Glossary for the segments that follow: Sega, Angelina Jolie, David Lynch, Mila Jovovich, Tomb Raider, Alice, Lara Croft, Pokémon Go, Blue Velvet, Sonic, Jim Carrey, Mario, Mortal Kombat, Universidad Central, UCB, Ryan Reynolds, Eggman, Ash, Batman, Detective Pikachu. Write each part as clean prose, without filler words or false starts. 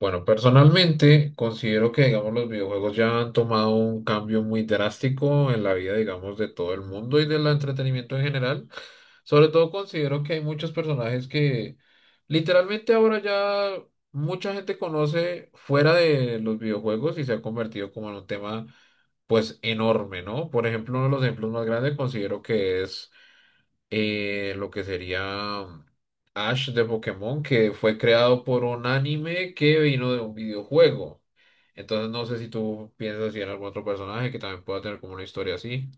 Bueno, personalmente considero que, digamos, los videojuegos ya han tomado un cambio muy drástico en la vida, digamos, de todo el mundo y del entretenimiento en general. Sobre todo considero que hay muchos personajes que literalmente ahora ya mucha gente conoce fuera de los videojuegos y se ha convertido como en un tema, pues, enorme, ¿no? Por ejemplo, uno de los ejemplos más grandes considero que es lo que sería Ash de Pokémon, que fue creado por un anime que vino de un videojuego. Entonces no sé si tú piensas si en algún otro personaje que también pueda tener como una historia así.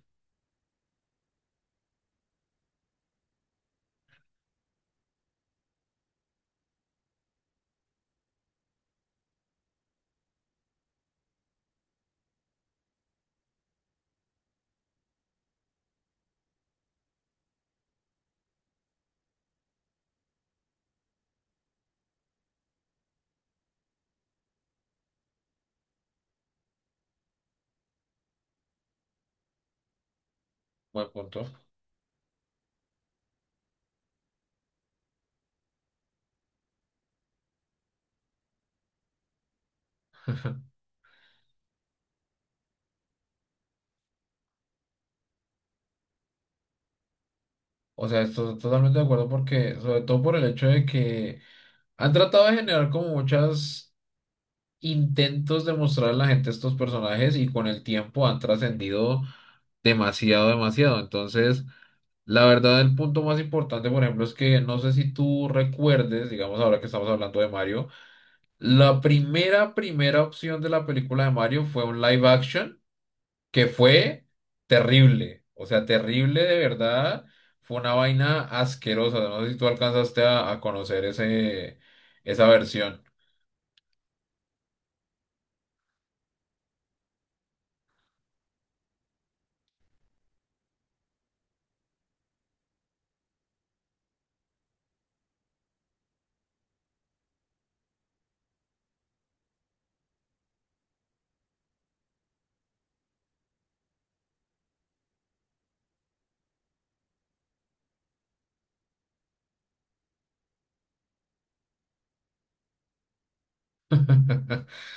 Buen punto. O sea, estoy totalmente de acuerdo porque, sobre todo por el hecho de que han tratado de generar como muchos intentos de mostrar a la gente estos personajes y con el tiempo han trascendido demasiado, demasiado. Entonces, la verdad, el punto más importante, por ejemplo, es que no sé si tú recuerdes, digamos ahora que estamos hablando de Mario, la primera opción de la película de Mario fue un live action que fue terrible, o sea, terrible de verdad, fue una vaina asquerosa, no sé si tú alcanzaste a conocer ese, esa versión.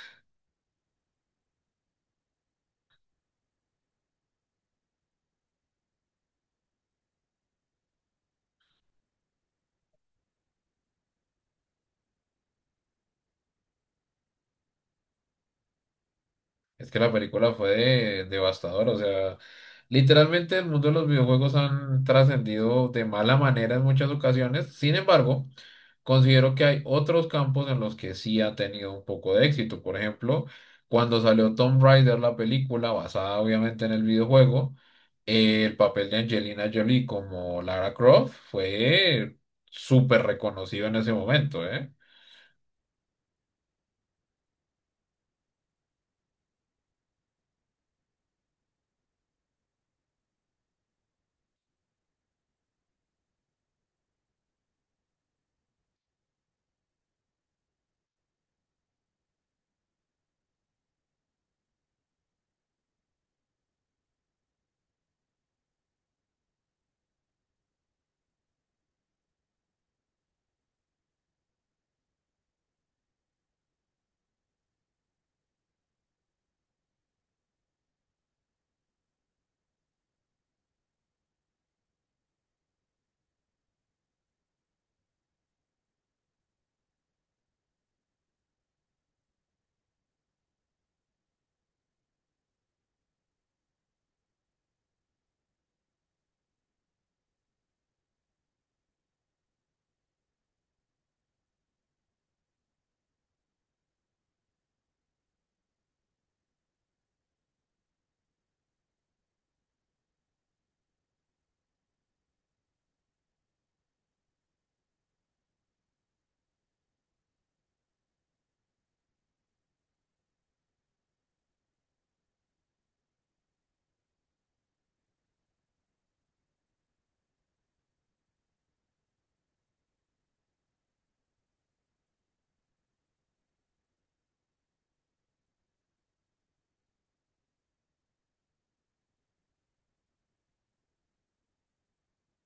Es que la película fue devastadora, o sea, literalmente el mundo de los videojuegos han trascendido de mala manera en muchas ocasiones, sin embargo. Considero que hay otros campos en los que sí ha tenido un poco de éxito. Por ejemplo, cuando salió Tomb Raider, la película basada obviamente en el videojuego, el papel de Angelina Jolie como Lara Croft fue súper reconocido en ese momento, ¿eh?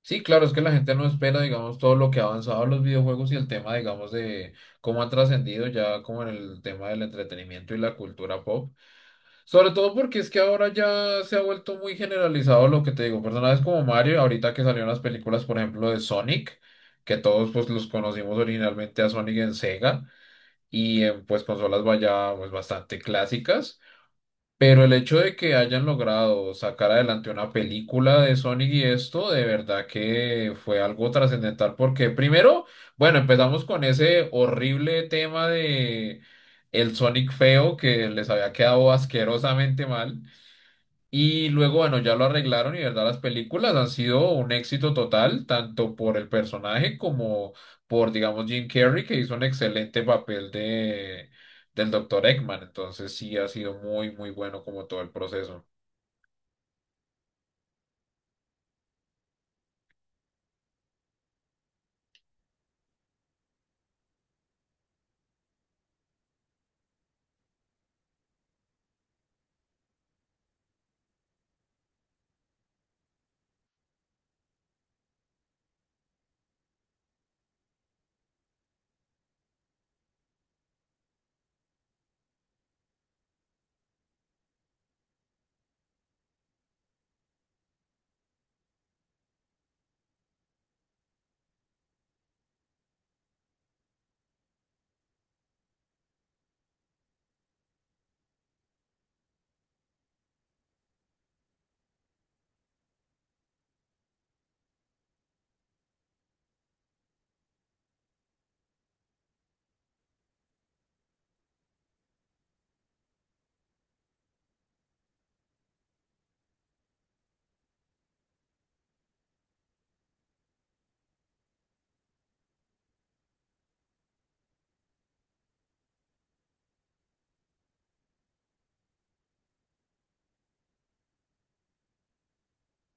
Sí, claro, es que la gente no espera, digamos, todo lo que ha avanzado los videojuegos y el tema, digamos, de cómo han trascendido ya como en el tema del entretenimiento y la cultura pop. Sobre todo porque es que ahora ya se ha vuelto muy generalizado lo que te digo. Personajes como Mario, ahorita que salieron las películas, por ejemplo, de Sonic, que todos pues los conocimos originalmente a Sonic en Sega y en pues consolas vaya pues bastante clásicas. Pero el hecho de que hayan logrado sacar adelante una película de Sonic y esto, de verdad que fue algo trascendental porque primero, bueno, empezamos con ese horrible tema de el Sonic feo que les había quedado asquerosamente mal. Y luego, bueno, ya lo arreglaron y, verdad, las películas han sido un éxito total, tanto por el personaje como por, digamos, Jim Carrey, que hizo un excelente papel de, del doctor Eggman. Entonces, sí, ha sido muy, muy bueno como todo el proceso.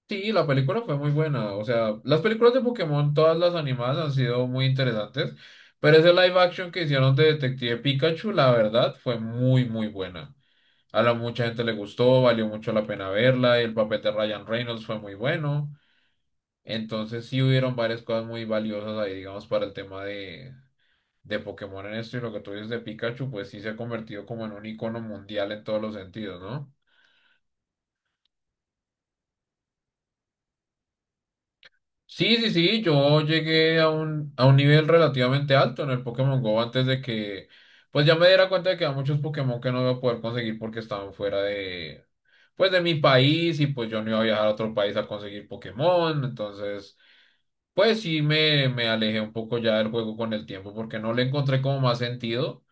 Sí, la película fue muy buena. O sea, las películas de Pokémon, todas las animadas han sido muy interesantes, pero ese live action que hicieron de Detective Pikachu, la verdad, fue muy, muy buena. A la mucha gente le gustó, valió mucho la pena verla, y el papel de Ryan Reynolds fue muy bueno. Entonces sí hubieron varias cosas muy valiosas ahí, digamos, para el tema de Pokémon en esto y lo que tú dices de Pikachu, pues sí se ha convertido como en un icono mundial en todos los sentidos, ¿no? Sí, sí, sí, yo llegué a un nivel relativamente alto en el Pokémon Go antes de que, pues ya me diera cuenta de que había muchos Pokémon que no iba a poder conseguir porque estaban fuera de, pues de mi país y pues yo no iba a viajar a otro país a conseguir Pokémon, entonces, pues sí me alejé un poco ya del juego con el tiempo porque no le encontré como más sentido.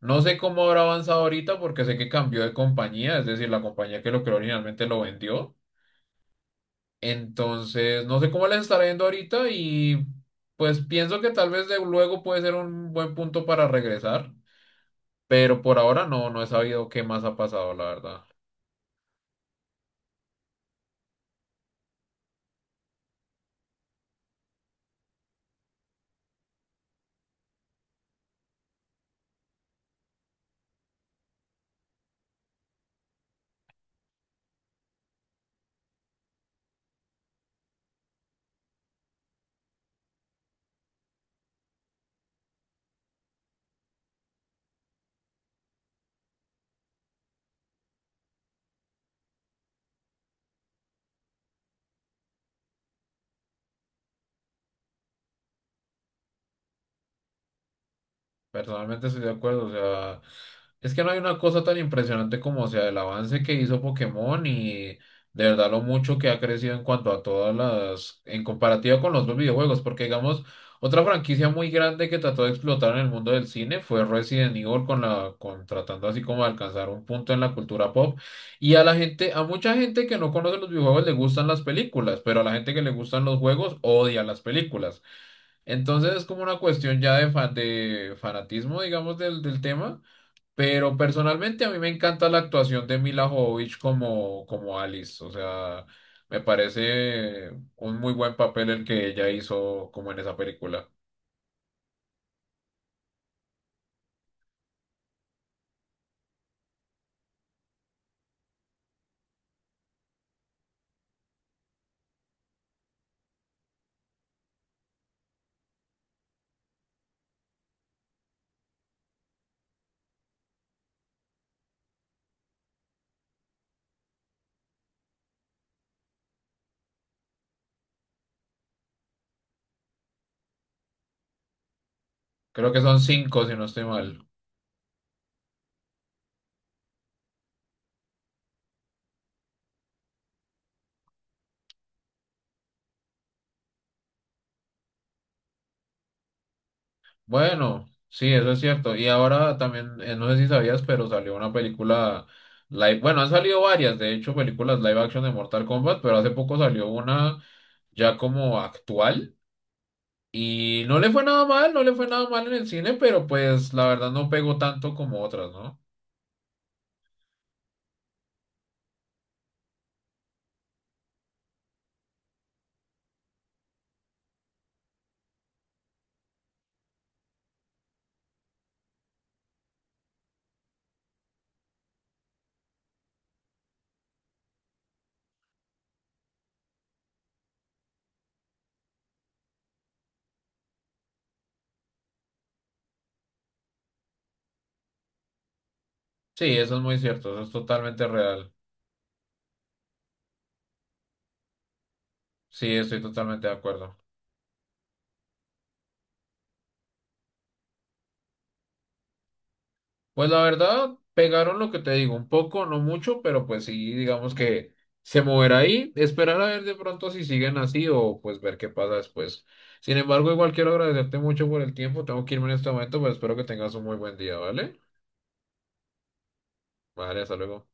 No sé cómo habrá avanzado ahorita porque sé que cambió de compañía, es decir, la compañía que lo creó originalmente lo vendió. Entonces, no sé cómo les estará yendo ahorita y pues pienso que tal vez de luego puede ser un buen punto para regresar, pero por ahora no, no he sabido qué más ha pasado, la verdad. Personalmente estoy de acuerdo, o sea, es que no hay una cosa tan impresionante como, o sea, el avance que hizo Pokémon y de verdad lo mucho que ha crecido en cuanto a todas las, en comparativa con los dos videojuegos, porque digamos, otra franquicia muy grande que trató de explotar en el mundo del cine fue Resident Evil con la, con tratando así como de alcanzar un punto en la cultura pop y a la gente, a mucha gente que no conoce los videojuegos le gustan las películas, pero a la gente que le gustan los juegos odia las películas. Entonces es como una cuestión ya de, de fanatismo, digamos, del, del tema, pero personalmente a mí me encanta la actuación de Mila Jovovich como, como Alice, o sea, me parece un muy buen papel el que ella hizo como en esa película. Creo que son 5, si no estoy mal. Bueno, sí, eso es cierto. Y ahora también, no sé si sabías, pero salió una película live, bueno, han salido varias, de hecho, películas live action de Mortal Kombat, pero hace poco salió una ya como actual. Y no le fue nada mal, no le fue nada mal en el cine, pero pues la verdad no pegó tanto como otras, ¿no? Sí, eso es muy cierto, eso es totalmente real. Sí, estoy totalmente de acuerdo. Pues la verdad, pegaron lo que te digo, un poco, no mucho, pero pues sí, digamos que se moverá ahí, esperar a ver de pronto si siguen así o pues ver qué pasa después. Sin embargo, igual quiero agradecerte mucho por el tiempo, tengo que irme en este momento, pero espero que tengas un muy buen día, ¿vale? Vale, hasta luego.